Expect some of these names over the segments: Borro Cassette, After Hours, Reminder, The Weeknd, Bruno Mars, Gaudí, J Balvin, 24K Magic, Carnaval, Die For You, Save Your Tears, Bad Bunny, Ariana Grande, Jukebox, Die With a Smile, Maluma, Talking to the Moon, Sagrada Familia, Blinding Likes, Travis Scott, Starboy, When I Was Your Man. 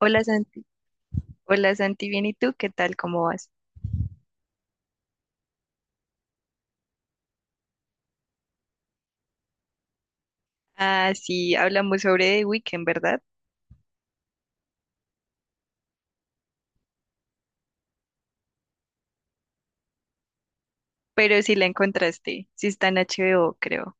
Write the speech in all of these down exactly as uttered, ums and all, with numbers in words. Hola Santi, hola Santi, bien, ¿y tú? ¿Qué tal? ¿Cómo vas? Ah, sí, hablamos sobre The Weeknd, ¿verdad? Pero sí la encontraste, sí está en H B O, creo.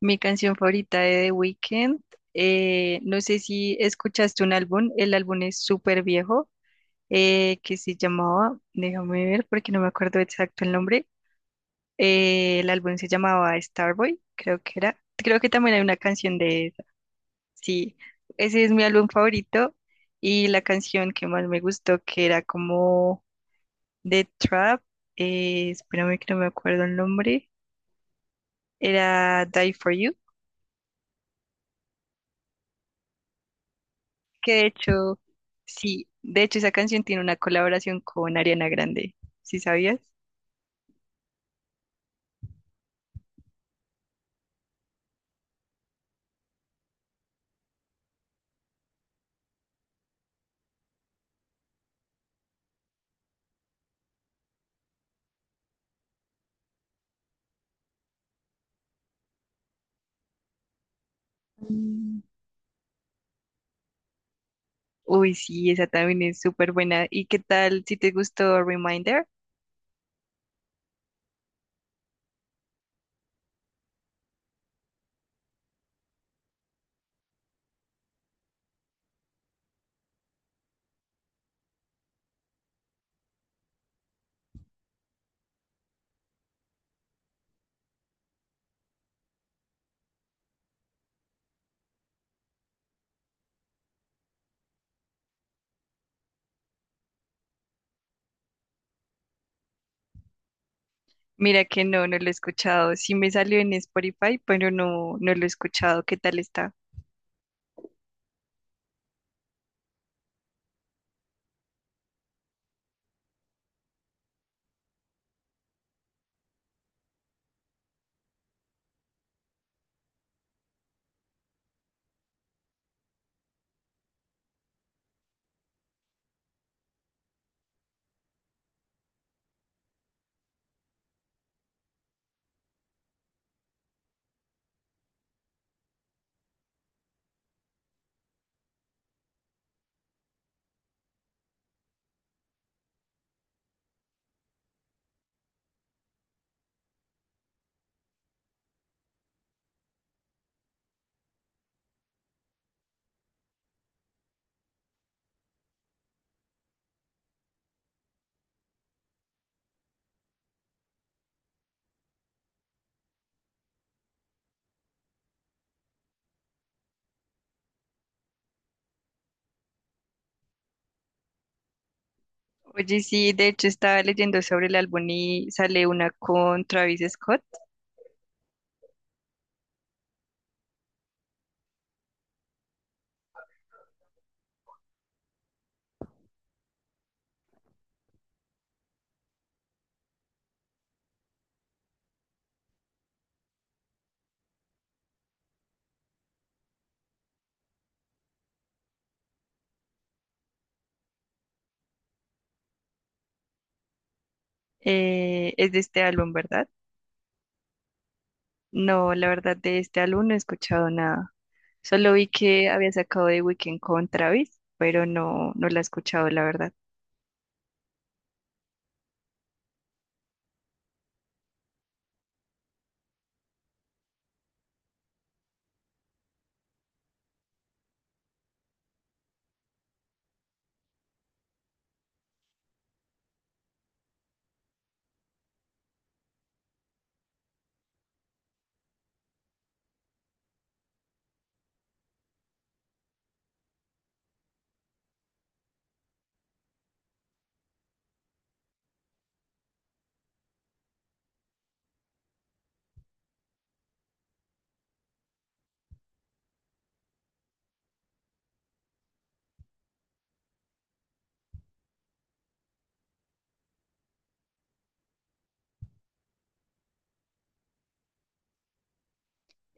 Mi canción favorita de The Weeknd, eh, no sé si escuchaste un álbum, el álbum es súper viejo, eh, que se llamaba, déjame ver porque no me acuerdo exacto el nombre, eh, el álbum se llamaba Starboy, creo que era. Creo que también hay una canción de. Sí, ese es mi álbum favorito y la canción que más me gustó, que era como The Trap, eh, espérame que no me acuerdo el nombre, era Die For You, que de hecho, sí, de hecho esa canción tiene una colaboración con Ariana Grande, ¿sí sabías? Mm. Uy, sí, esa también es súper buena. ¿Y qué tal si te gustó Reminder? Mira que no, no lo he escuchado. Sí me salió en Spotify, pero no, no lo he escuchado. ¿Qué tal está? Oye, sí, de hecho estaba leyendo sobre el álbum y sale una con Travis Scott. Eh, es de este álbum, ¿verdad? No, la verdad de este álbum no he escuchado nada. Solo vi que había sacado The Weeknd con Travis, pero no, no la he escuchado, la verdad.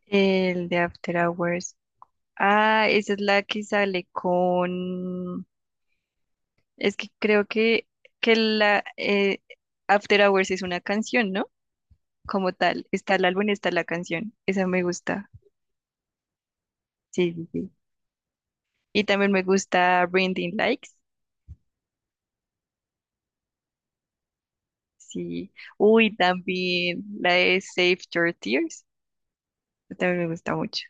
El de After Hours. Ah, esa es la que sale con... Es que creo que, que la eh, After Hours es una canción, ¿no? Como tal. Está el álbum, está la canción. Esa me gusta. Sí, sí, sí. Y también me gusta Blinding Likes. Sí. Uy, también la de Save Your Tears, también me gusta mucho.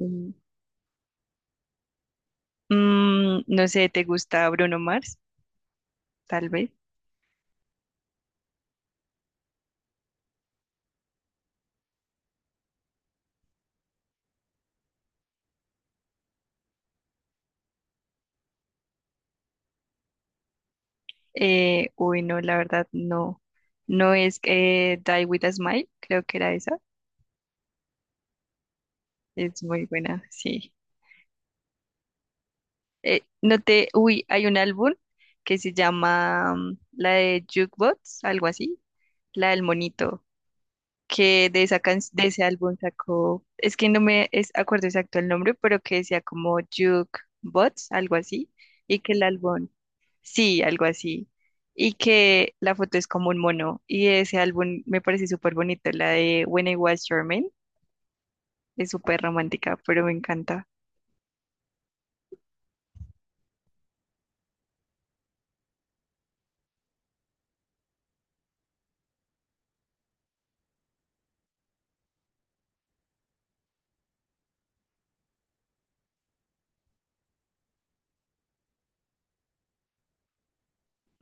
Mm. Mm, no sé, ¿te gusta Bruno Mars? Tal vez. Eh, uy, no, la verdad no. No es eh, Die With a Smile, creo que era esa. Es muy buena, sí. Eh, no te, uy, hay un álbum que se llama mm, la de Jukebox, algo así, la del monito, que de esa can- de ese álbum sacó, es que no me es, acuerdo exacto el nombre, pero que decía como Jukebox, algo así, y que el álbum. Sí, algo así. Y que la foto es como un mono. Y ese álbum me parece súper bonito. La de When I Was Your Man es súper romántica, pero me encanta.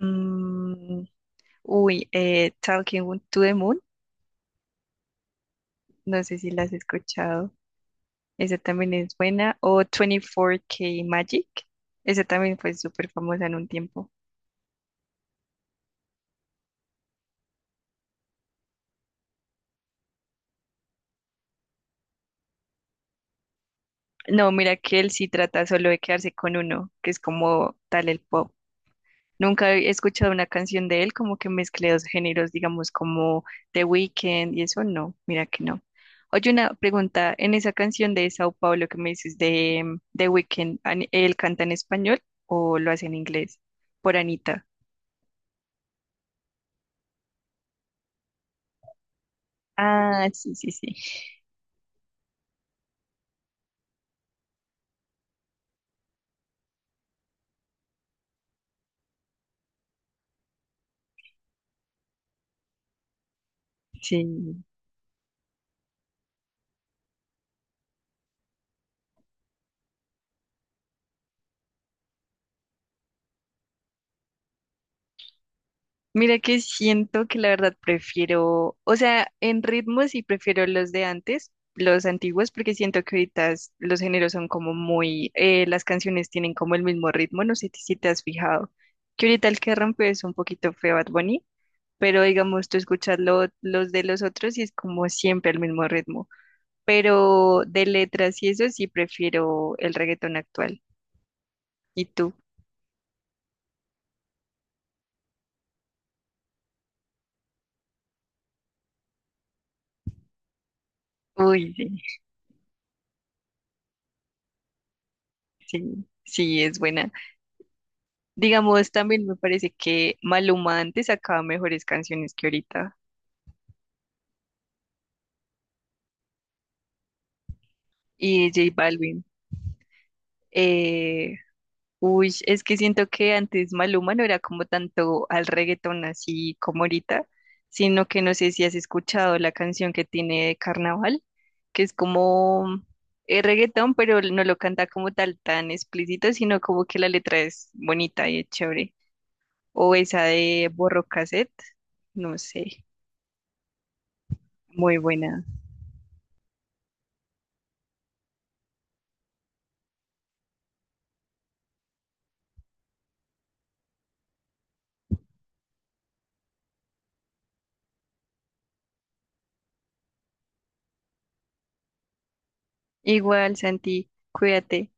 Mm, uy, eh, Talking to the Moon. No sé si la has escuchado. Esa también es buena. O veinticuatro K Magic. Esa también fue súper famosa en un tiempo. No, mira que él sí trata solo de quedarse con uno, que es como tal el pop. Nunca he escuchado una canción de él como que mezcle dos géneros, digamos, como The Weeknd y eso, no, mira que no. Oye, una pregunta, en esa canción de Sao Paulo que me dices de mm, The Weeknd, ¿an- ¿él canta en español o lo hace en inglés? Por Anita. Ah, sí, sí, sí. Sí. Mira que siento que la verdad prefiero, o sea, en ritmos sí prefiero los de antes, los antiguos, porque siento que ahorita es- los géneros son como muy, eh, las canciones tienen como el mismo ritmo, no sé ti- si te has fijado, que ahorita el que rompe es un poquito feo Bad Bunny, pero digamos tú escuchas lo- los de los otros y es como siempre el mismo ritmo, pero de letras y eso sí prefiero el reggaetón actual. ¿Y tú? Uy, sí, sí, sí, es buena. Digamos, también me parece que Maluma antes sacaba mejores canciones que ahorita. Y J Balvin. Eh, uy, es que siento que antes Maluma no era como tanto al reggaetón así como ahorita, sino que no sé si has escuchado la canción que tiene de Carnaval, que es como eh, reggaetón, pero no lo canta como tal tan explícito, sino como que la letra es bonita y es chévere. O esa de Borro Cassette, no sé, muy buena. Igual, Santi, cuídate.